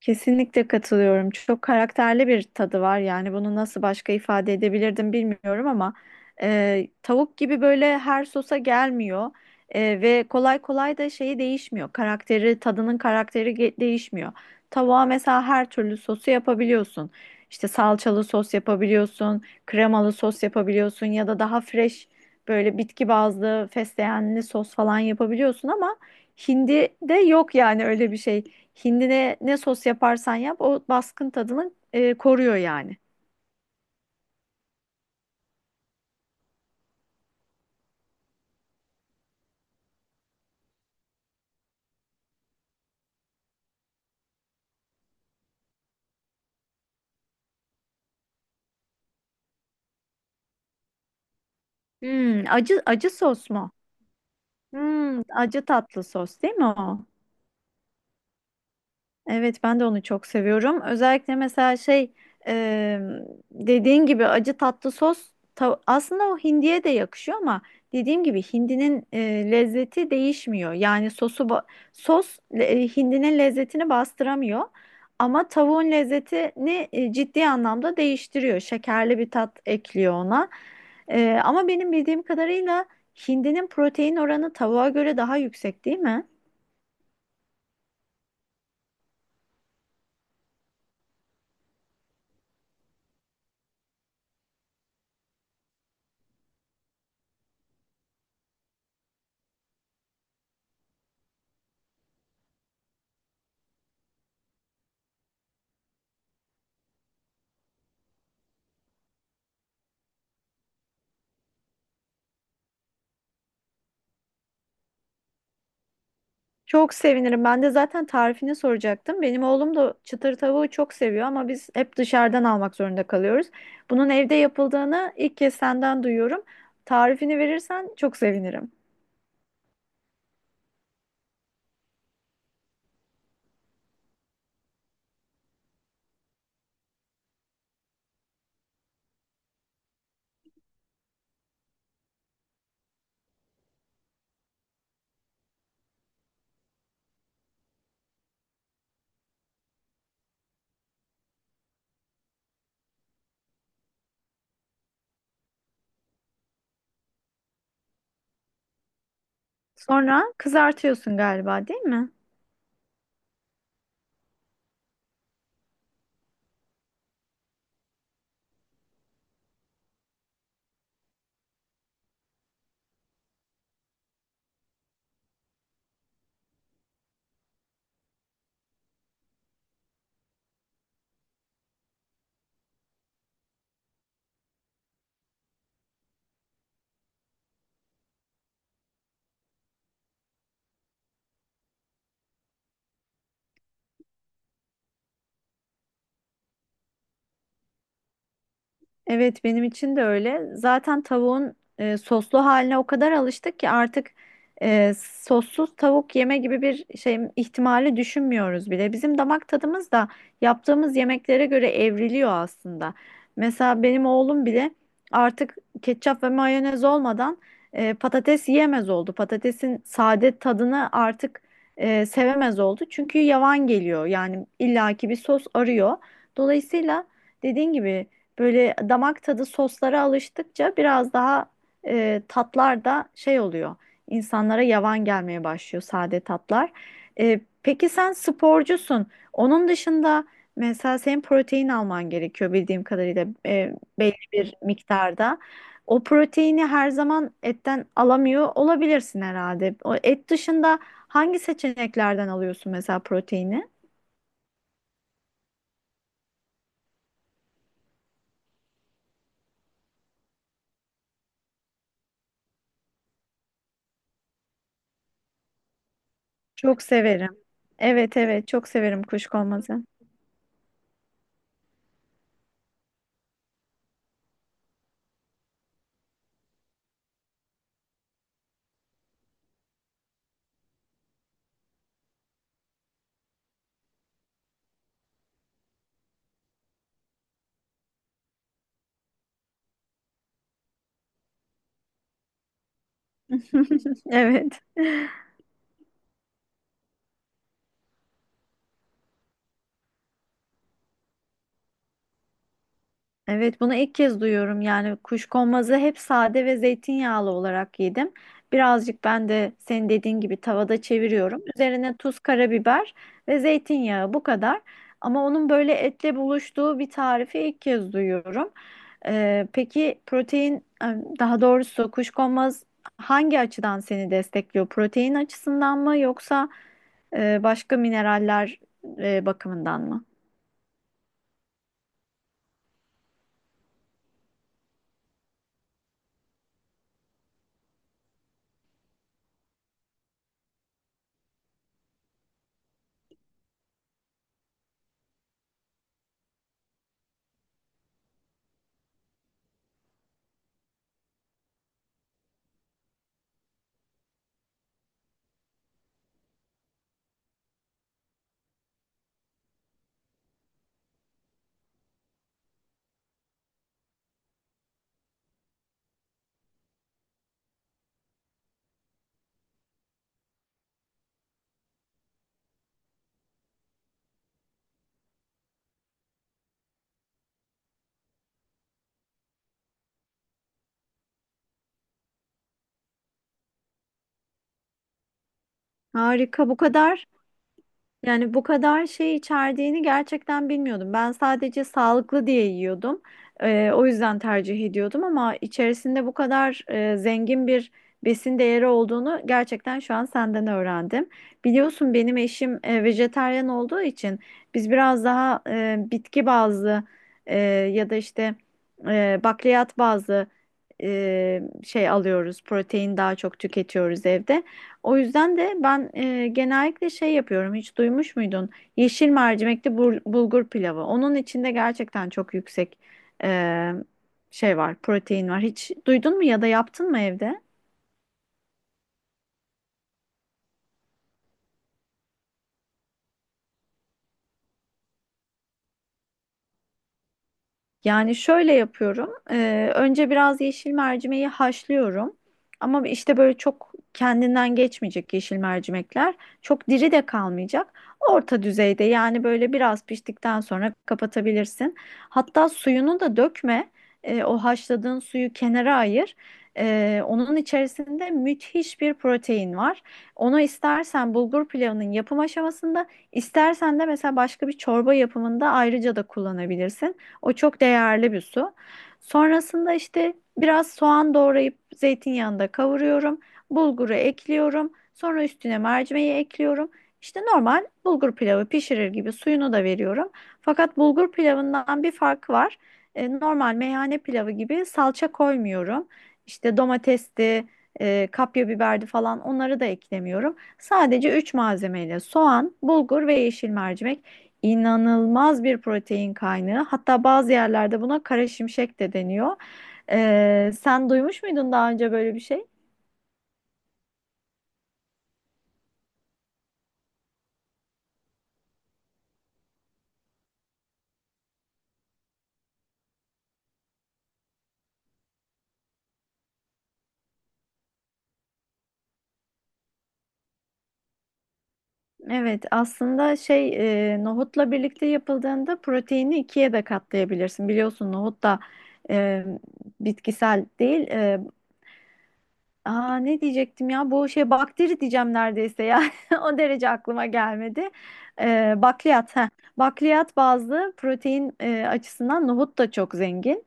Kesinlikle katılıyorum. Çok karakterli bir tadı var. Yani bunu nasıl başka ifade edebilirdim bilmiyorum ama tavuk gibi böyle her sosa gelmiyor. Ve kolay kolay da şeyi değişmiyor. Karakteri, tadının karakteri değişmiyor. Tavuğa mesela her türlü sosu yapabiliyorsun. İşte salçalı sos yapabiliyorsun, kremalı sos yapabiliyorsun ya da daha fresh böyle bitki bazlı fesleğenli sos falan yapabiliyorsun ama hindide yok yani öyle bir şey. Hindine ne sos yaparsan yap o baskın tadını koruyor yani. Hmm, acı acı sos mu? Hmm, acı tatlı sos değil mi o? Evet, ben de onu çok seviyorum. Özellikle mesela şey, e, dediğin gibi acı tatlı sos aslında o hindiye de yakışıyor ama dediğim gibi hindinin lezzeti değişmiyor. Yani sos hindinin lezzetini bastıramıyor ama tavuğun lezzetini ciddi anlamda değiştiriyor. Şekerli bir tat ekliyor ona. Ama benim bildiğim kadarıyla hindinin protein oranı tavuğa göre daha yüksek değil mi? Çok sevinirim. Ben de zaten tarifini soracaktım. Benim oğlum da çıtır tavuğu çok seviyor ama biz hep dışarıdan almak zorunda kalıyoruz. Bunun evde yapıldığını ilk kez senden duyuyorum. Tarifini verirsen çok sevinirim. Sonra kızartıyorsun galiba, değil mi? Evet, benim için de öyle. Zaten tavuğun soslu haline o kadar alıştık ki artık sossuz tavuk yeme gibi bir şey ihtimali düşünmüyoruz bile. Bizim damak tadımız da yaptığımız yemeklere göre evriliyor aslında. Mesela benim oğlum bile artık ketçap ve mayonez olmadan patates yiyemez oldu. Patatesin sade tadını artık sevemez oldu. Çünkü yavan geliyor. Yani illaki bir sos arıyor. Dolayısıyla, dediğin gibi, böyle damak tadı soslara alıştıkça biraz daha tatlar da şey oluyor. İnsanlara yavan gelmeye başlıyor sade tatlar. Peki sen sporcusun. Onun dışında mesela senin protein alman gerekiyor bildiğim kadarıyla, belli bir miktarda. O proteini her zaman etten alamıyor olabilirsin herhalde. O et dışında hangi seçeneklerden alıyorsun mesela proteini? Çok severim. Evet, evet, çok severim kuşkonmazı. Evet. Evet, bunu ilk kez duyuyorum. Yani kuşkonmazı hep sade ve zeytinyağlı olarak yedim. Birazcık ben de senin dediğin gibi tavada çeviriyorum. Üzerine tuz, karabiber ve zeytinyağı, bu kadar. Ama onun böyle etle buluştuğu bir tarifi ilk kez duyuyorum. Peki protein, daha doğrusu kuşkonmaz hangi açıdan seni destekliyor? Protein açısından mı yoksa başka mineraller bakımından mı? Harika, bu kadar. Yani bu kadar şey içerdiğini gerçekten bilmiyordum. Ben sadece sağlıklı diye yiyordum. O yüzden tercih ediyordum ama içerisinde bu kadar zengin bir besin değeri olduğunu gerçekten şu an senden öğrendim. Biliyorsun benim eşim vejetaryen olduğu için biz biraz daha bitki bazlı e, ya da işte bakliyat bazlı şey alıyoruz. Protein daha çok tüketiyoruz evde. O yüzden de ben genellikle şey yapıyorum. Hiç duymuş muydun? Yeşil mercimekli bulgur pilavı. Onun içinde gerçekten çok yüksek e, şey var, protein var. Hiç duydun mu ya da yaptın mı evde? Yani şöyle yapıyorum. Önce biraz yeşil mercimeği haşlıyorum. Ama işte böyle çok kendinden geçmeyecek yeşil mercimekler. Çok diri de kalmayacak. Orta düzeyde yani böyle biraz piştikten sonra kapatabilirsin. Hatta suyunu da dökme. O haşladığın suyu kenara ayır. Onun içerisinde müthiş bir protein var. Onu istersen bulgur pilavının yapım aşamasında, istersen de mesela başka bir çorba yapımında ayrıca da kullanabilirsin. O çok değerli bir su. Sonrasında işte biraz soğan doğrayıp zeytinyağında kavuruyorum. Bulguru ekliyorum. Sonra üstüne mercimeği ekliyorum. İşte normal bulgur pilavı pişirir gibi suyunu da veriyorum. Fakat bulgur pilavından bir farkı var. Normal meyhane pilavı gibi salça koymuyorum. İşte domatesti, kapya biberdi falan onları da eklemiyorum. Sadece 3 malzemeyle soğan, bulgur ve yeşil mercimek, inanılmaz bir protein kaynağı. Hatta bazı yerlerde buna kara şimşek de deniyor. Sen duymuş muydun daha önce böyle bir şey? Evet, aslında şey, nohutla birlikte yapıldığında proteini ikiye de katlayabilirsin. Biliyorsun nohut da e, bitkisel değil, aa, ne diyecektim ya, bu şey bakteri diyeceğim neredeyse ya o derece aklıma gelmedi. Bakliyat, ha, bakliyat bazlı protein açısından nohut da çok zengin.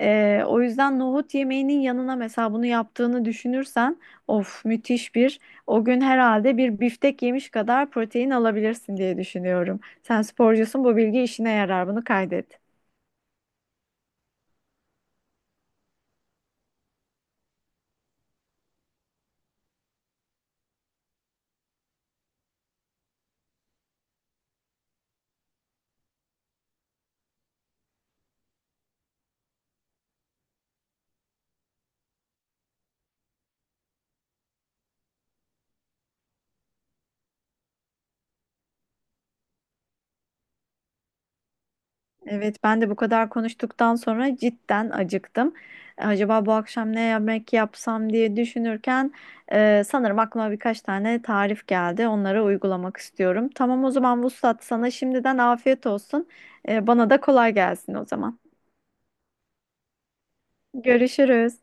O yüzden nohut yemeğinin yanına mesela bunu yaptığını düşünürsen of, müthiş bir, o gün herhalde bir biftek yemiş kadar protein alabilirsin diye düşünüyorum. Sen sporcusun, bu bilgi işine yarar, bunu kaydet. Evet, ben de bu kadar konuştuktan sonra cidden acıktım. Acaba bu akşam ne yemek yapsam diye düşünürken sanırım aklıma birkaç tane tarif geldi. Onları uygulamak istiyorum. Tamam, o zaman Vuslat, sana şimdiden afiyet olsun. Bana da kolay gelsin o zaman. Görüşürüz.